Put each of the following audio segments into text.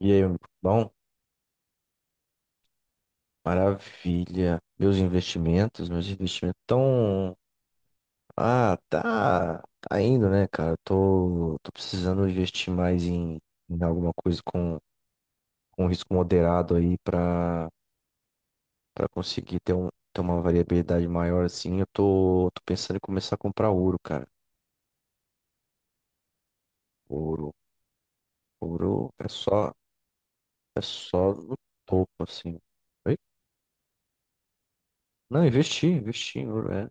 E aí, meu bom, maravilha. Meus investimentos estão. Ah, tá, tá indo, né, cara? Tô precisando investir mais em alguma coisa com risco moderado aí pra conseguir ter, ter uma variabilidade maior assim. Eu tô pensando em começar a comprar ouro, cara. Ouro. Ouro é só, é só no topo, assim. Oi? Não, investir em ouro, é.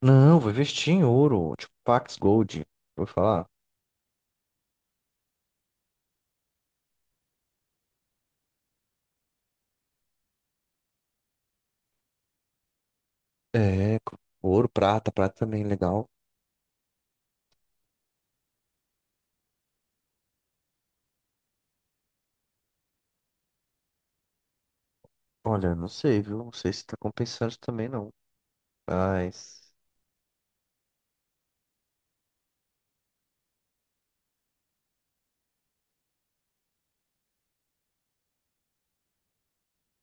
Não, vou investir em ouro, tipo Pax Gold. Vou falar. É, ouro, prata também é legal. Olha, eu não sei, viu? Não sei se tá compensando também não. Mas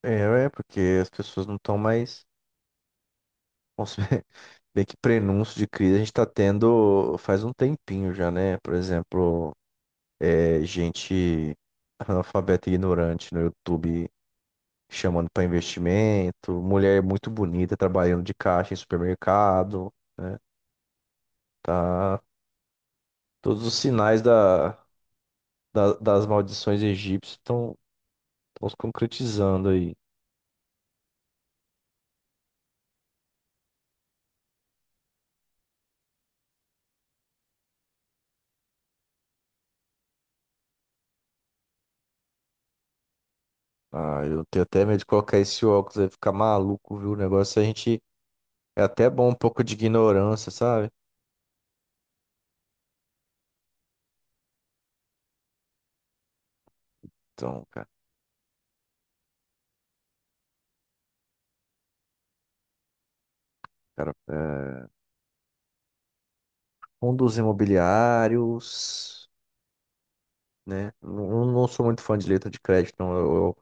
é, é porque as pessoas não estão mais consumindo. Bem que prenúncio de crise a gente tá tendo faz um tempinho já, né? Por exemplo, gente analfabeta e ignorante no YouTube chamando para investimento, mulher muito bonita trabalhando de caixa em supermercado, né? Tá, todos os sinais das maldições egípcias estão se concretizando aí. Ah, eu tenho até medo de colocar esse óculos aí, ficar maluco, viu? O negócio a gente. É até bom um pouco de ignorância, sabe? Então, cara, cara, é... fundos imobiliários, né? Não, não sou muito fã de letra de crédito, não.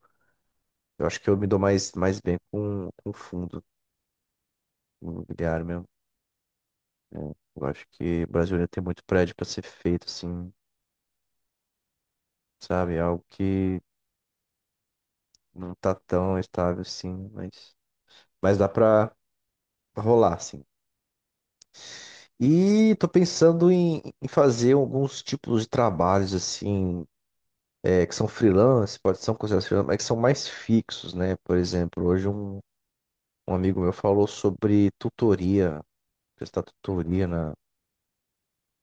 Eu acho que eu me dou mais bem com fundo imobiliário mesmo. É, eu acho que o Brasil ainda tem muito prédio para ser feito, assim, sabe? É algo que não tá tão estável assim, mas dá pra rolar, assim. E tô pensando em fazer alguns tipos de trabalhos assim, que são freelance, pode ser considerados freelance, mas que são mais fixos, né? Por exemplo, hoje um amigo meu falou sobre tutoria, prestar tutoria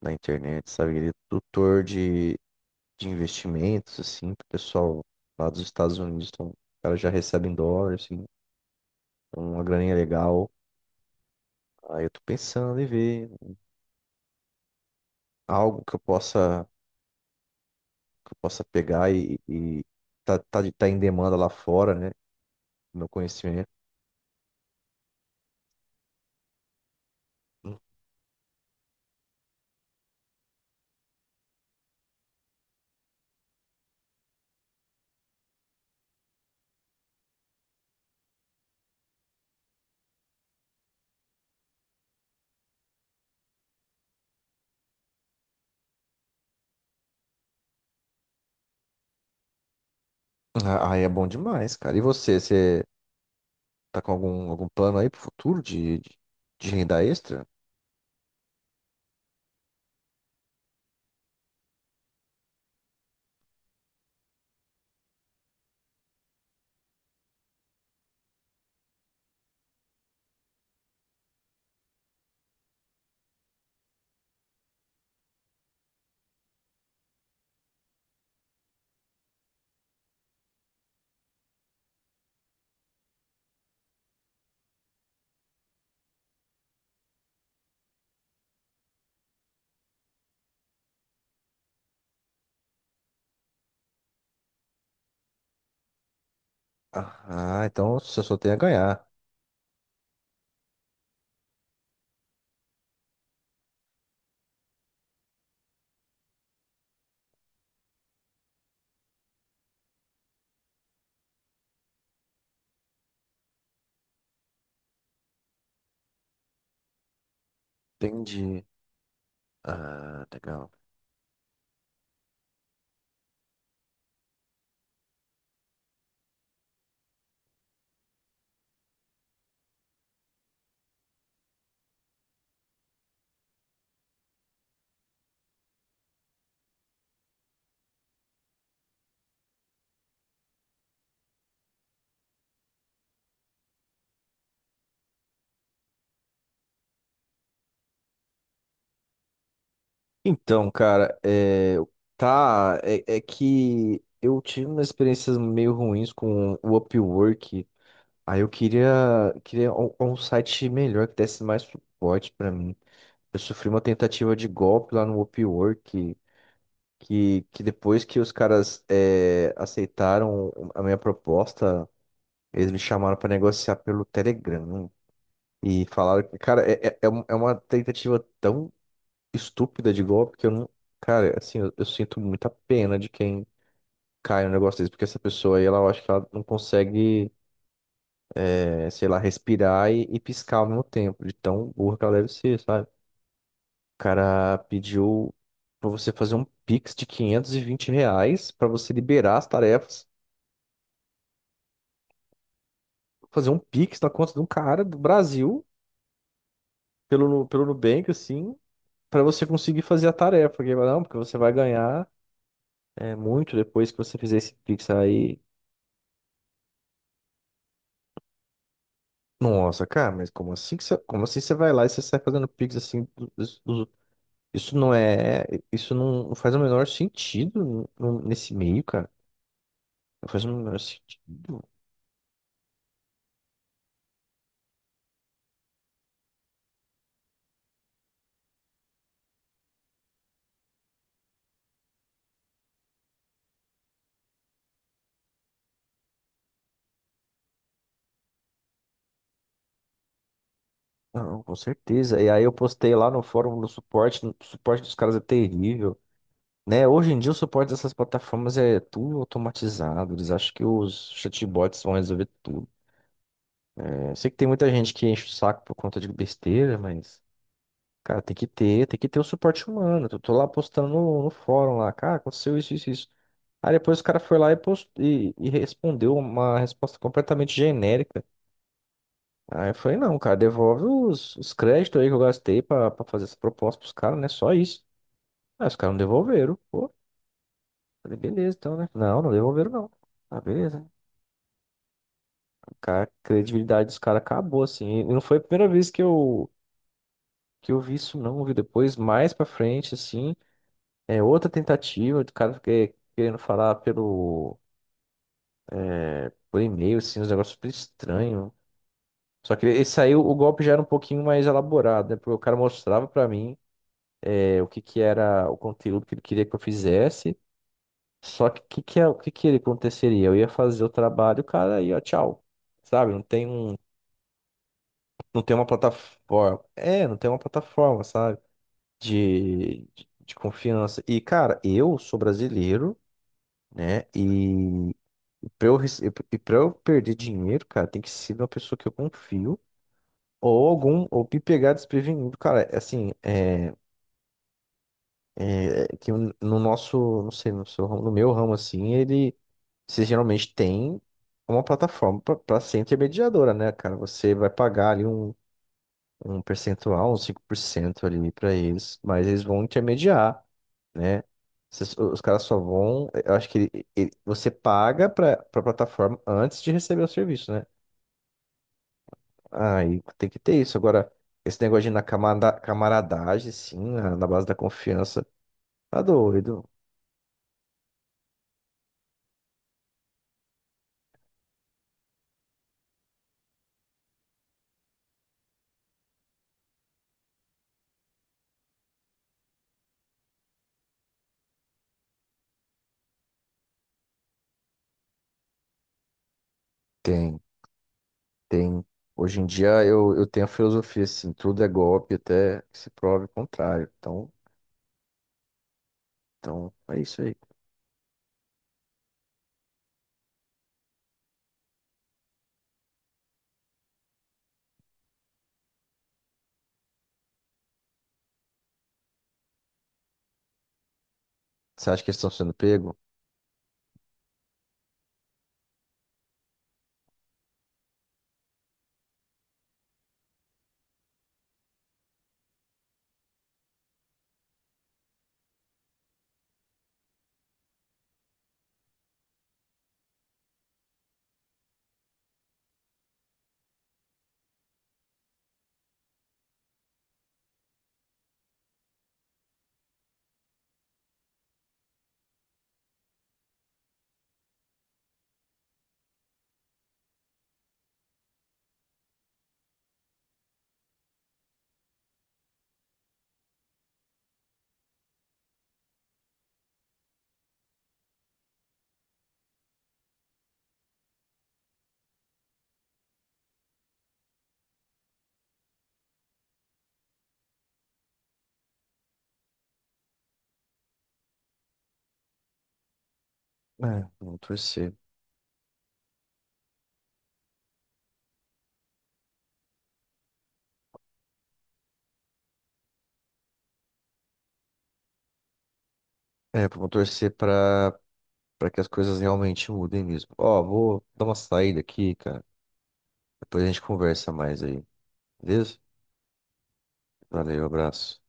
na internet, sabe? Ele é tutor de investimentos, assim, pro pessoal lá dos Estados Unidos, então, o cara já recebe em dólar, assim, uma graninha legal. Aí eu tô pensando em ver algo que eu possa. Que eu possa pegar e tá em demanda lá fora, né? Meu conhecimento. Ah, aí é bom demais, cara. E você tá com algum plano aí pro futuro de renda extra? Ah, ah, então você só tem a ganhar. Entendi. Ah, legal. Então, cara, é, tá, é, é que eu tive umas experiências meio ruins com o Upwork. Aí eu queria um site melhor que desse mais suporte pra mim. Eu sofri uma tentativa de golpe lá no Upwork, que depois que os caras é, aceitaram a minha proposta, eles me chamaram para negociar pelo Telegram. Né? E falaram que, cara, é uma tentativa tão estúpida de golpe que eu não. Cara, assim, eu sinto muita pena de quem cai no negócio desse, porque essa pessoa aí, ela eu acho que ela não consegue, é, sei lá, respirar e piscar ao mesmo tempo, de tão burra que ela deve ser, sabe? Cara pediu pra você fazer um Pix de R$ 520 pra você liberar as tarefas, fazer um Pix na conta de um cara do Brasil, pelo Nubank, assim, pra você conseguir fazer a tarefa. Porque, não, porque você vai ganhar é, muito depois que você fizer esse Pix aí. Nossa, cara, mas como assim que você, como assim você vai lá e você sai fazendo Pix assim? Isso não é. Isso não faz o menor sentido nesse meio, cara. Não faz o menor sentido. Não, com certeza. E aí eu postei lá no fórum do suporte, o suporte dos caras é terrível, né? Hoje em dia o suporte dessas plataformas é tudo automatizado, eles acham que os chatbots vão resolver tudo. Eu sei que tem muita gente que enche o saco por conta de besteira, mas, cara, tem que ter o suporte humano. Eu tô lá postando no fórum lá, cara, aconteceu isso, isso, isso. Aí depois o cara foi lá e respondeu uma resposta completamente genérica. Aí eu falei, não, cara, devolve os créditos aí que eu gastei pra fazer essa proposta pros caras, né? Só isso. Aí os caras não devolveram. Pô, falei, beleza, então, né? Não, não devolveram, não. Ah, beleza. Cara, a credibilidade dos caras acabou, assim. E não foi a primeira vez que eu vi isso, não. Eu vi depois, mais pra frente, assim, é outra tentativa do querendo falar pelo, por e-mail, assim, uns negócios super estranhos. Só que esse aí, o golpe já era um pouquinho mais elaborado, né? Porque o cara mostrava pra mim. É, o que que era o conteúdo que ele queria que eu fizesse. Só que o que que, é- o que que ele aconteceria? Eu ia fazer o trabalho, o cara ia, tchau. Sabe? Não tem uma plataforma. É, não tem uma plataforma, sabe? De confiança. E, cara, eu sou brasileiro, né? E pra eu, rece- e pra eu perder dinheiro, cara, tem que ser uma pessoa que eu confio. Ou algum, ou me pegar desprevenido, cara, é assim, é, é que no nosso, não sei, no seu ramo, no meu ramo, assim, ele, você geralmente tem uma plataforma para ser intermediadora, né, cara? Você vai pagar ali um percentual, uns 5% ali para eles, mas eles vão intermediar, né? Os caras só vão. Eu acho que você paga para a plataforma antes de receber o serviço, né? Aí tem que ter isso. Agora, esse negócio de camaradagem, sim, na base da confiança, tá doido. Tem. Tem, hoje em dia eu tenho a filosofia assim, tudo é golpe até que se prove o contrário. Então, então é isso aí. Você acha que eles estão sendo pego? É, vamos torcer. É, vamos torcer pra que as coisas realmente mudem mesmo. Ó, vou dar uma saída aqui, cara. Depois a gente conversa mais aí. Beleza? Valeu, abraço.